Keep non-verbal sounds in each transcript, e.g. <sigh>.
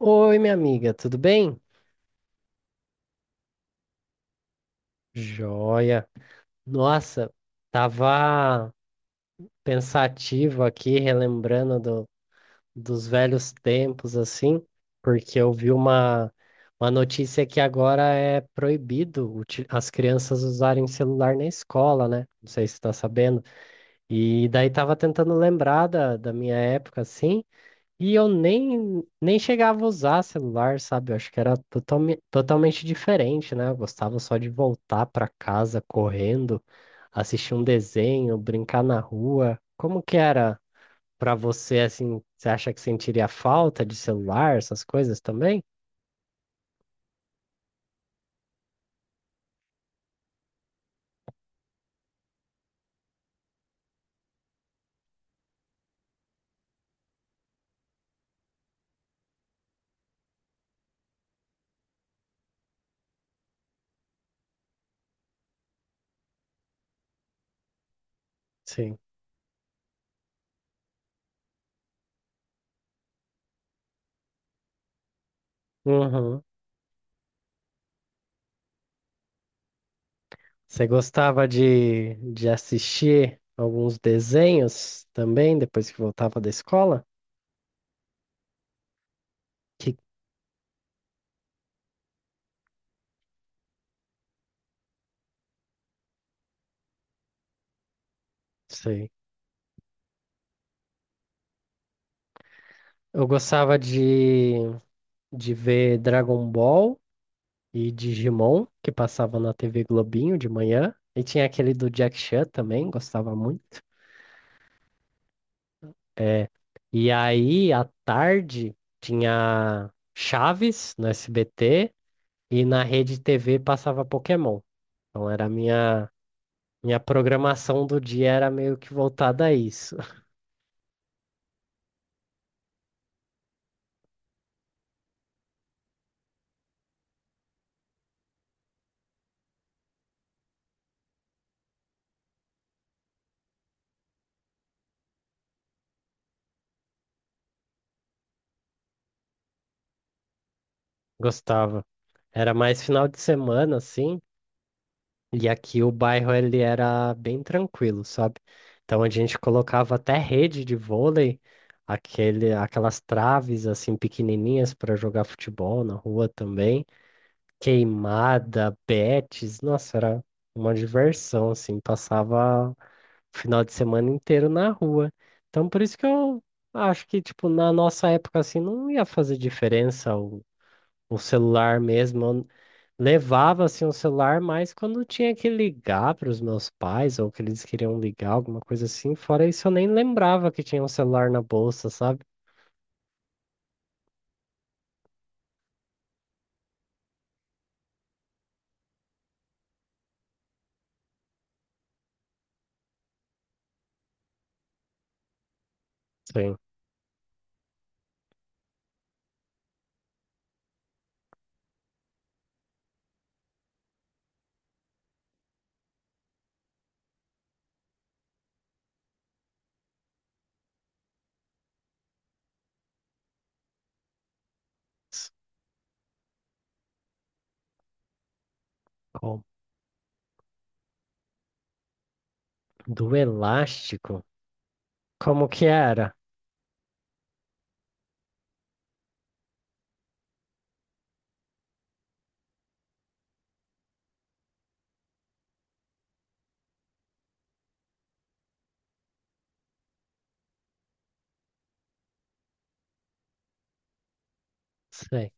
Oi, minha amiga, tudo bem? Joia. Nossa, tava pensativo aqui, relembrando dos velhos tempos, assim, porque eu vi uma notícia que agora é proibido as crianças usarem celular na escola, né? Não sei se você tá sabendo. E daí tava tentando lembrar da minha época, assim. E eu nem chegava a usar celular, sabe? Eu acho que era totalmente diferente, né? Eu gostava só de voltar para casa correndo, assistir um desenho, brincar na rua. Como que era para você, assim? Você acha que sentiria falta de celular, essas coisas também? Sim. Uhum. Você gostava de assistir alguns desenhos também, depois que voltava da escola? Que sei. Eu gostava de ver Dragon Ball e Digimon, que passava na TV Globinho de manhã. E tinha aquele do Jack Chan também, gostava muito. É, e aí, à tarde, tinha Chaves no SBT e na Rede TV passava Pokémon. Então era a minha programação do dia era meio que voltada a isso. <laughs> Gostava. Era mais final de semana, assim. E aqui o bairro ele era bem tranquilo, sabe? Então a gente colocava até rede de vôlei, aquelas traves assim pequenininhas para jogar futebol na rua também, queimada, betes, nossa, era uma diversão assim, passava o final de semana inteiro na rua. Então por isso que eu acho que tipo na nossa época assim não ia fazer diferença o celular mesmo. Levava assim o celular, mas quando tinha que ligar para os meus pais ou que eles queriam ligar, alguma coisa assim, fora isso eu nem lembrava que tinha um celular na bolsa, sabe? Sim. Qual- Do elástico? Como que era? Sei.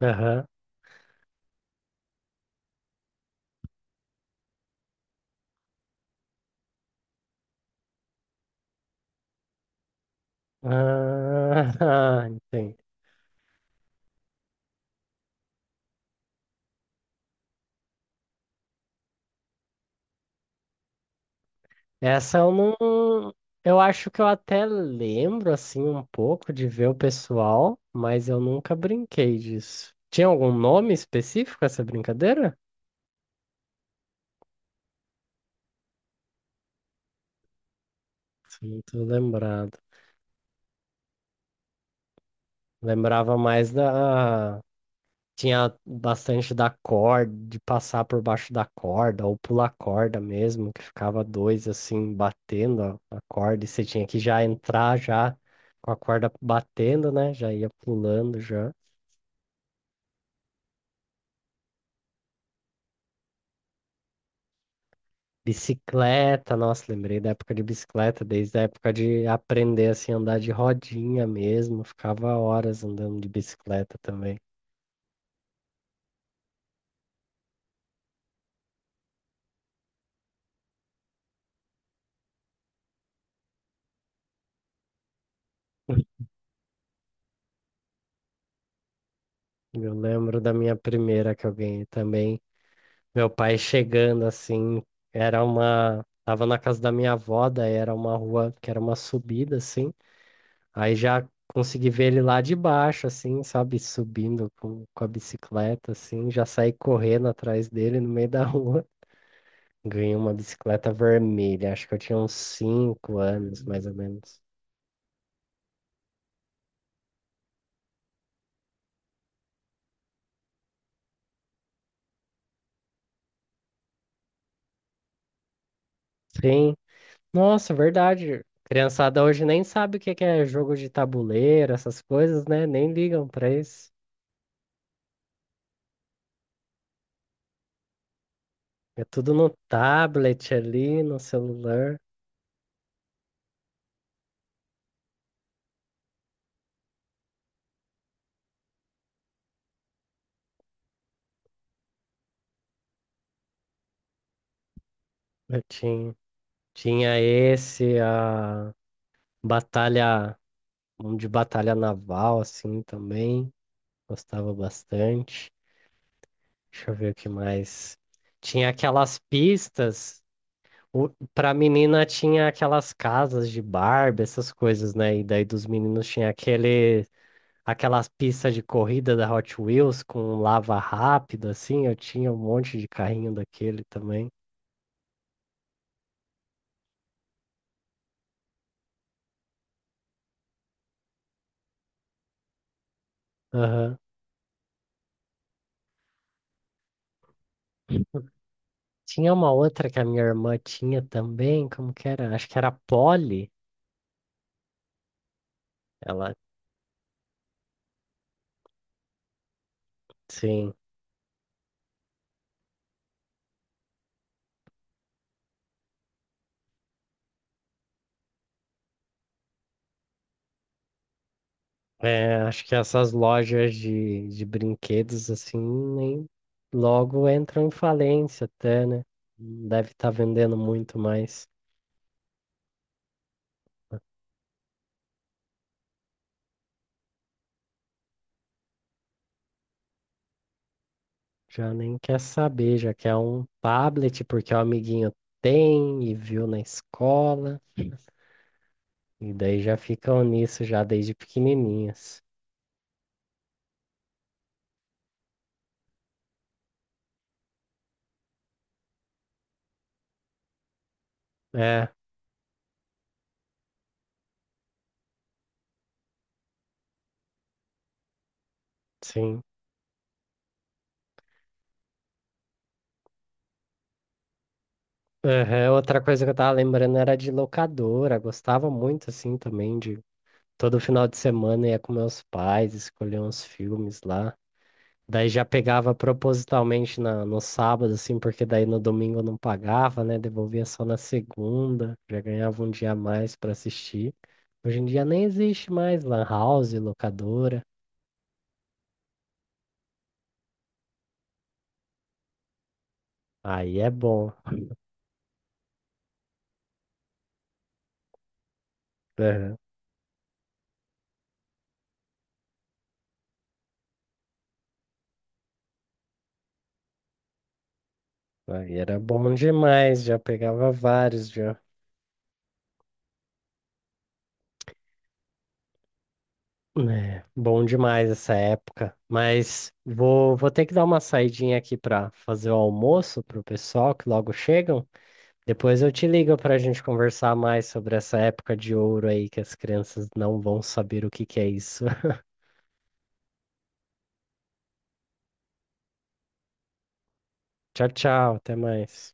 Aham. Ah, <laughs> entendi. Essa eu não. Eu acho que eu até lembro assim um pouco de ver o pessoal, mas eu nunca brinquei disso. Tinha algum nome específico essa brincadeira? Não tô lembrado. Lembrava mais da. Tinha bastante da corda, de passar por baixo da corda, ou pular corda mesmo, que ficava dois assim, batendo a corda, e você tinha que já entrar já com a corda batendo, né? Já ia pulando já. Bicicleta, nossa, lembrei da época de bicicleta, desde a época de aprender assim, a andar de rodinha mesmo, ficava horas andando de bicicleta também. <laughs> Eu lembro da minha primeira que eu ganhei também. Meu pai chegando assim, era uma. Tava na casa da minha avó, daí era uma rua que era uma subida, assim. Aí já consegui ver ele lá de baixo, assim, sabe? Subindo com a bicicleta, assim. Já saí correndo atrás dele no meio da rua. <laughs> Ganhei uma bicicleta vermelha, acho que eu tinha uns cinco anos, mais ou menos. Sim. Nossa, verdade. Criançada hoje nem sabe o que que é jogo de tabuleiro, essas coisas, né? Nem ligam pra isso. É tudo no tablet ali, no celular. Eu tinha esse, a batalha, um de batalha naval, assim, também. Gostava bastante. Deixa eu ver o que mais. Tinha aquelas pistas. O, pra menina tinha aquelas casas de Barbie, essas coisas, né? E daí dos meninos tinha aquele, aquelas pistas de corrida da Hot Wheels com lava rápido, assim. Eu tinha um monte de carrinho daquele também. Aham. Tinha uma outra que a minha irmã tinha também, como que era? Acho que era a Polly. Ela, sim. É, acho que essas lojas de brinquedos, assim, nem logo entram em falência até, né? Não deve estar vendendo muito mais. Já nem quer saber, já quer um tablet porque o amiguinho tem e viu na escola. E daí já ficam nisso já desde pequenininhas. É, sim. Aham, outra coisa que eu tava lembrando era de locadora. Gostava muito, assim, também de todo final de semana ia com meus pais, escolher uns filmes lá. Daí já pegava propositalmente no sábado, assim, porque daí no domingo eu não pagava, né? Devolvia só na segunda, já ganhava um dia a mais pra assistir. Hoje em dia nem existe mais lan house, locadora. Aí é bom. Aham, aí era bom demais, já pegava vários já. É, bom demais essa época. Mas vou ter que dar uma saidinha aqui para fazer o almoço pro pessoal que logo chegam. Depois eu te ligo para a gente conversar mais sobre essa época de ouro aí que as crianças não vão saber o que que é isso. <laughs> Tchau, tchau, até mais.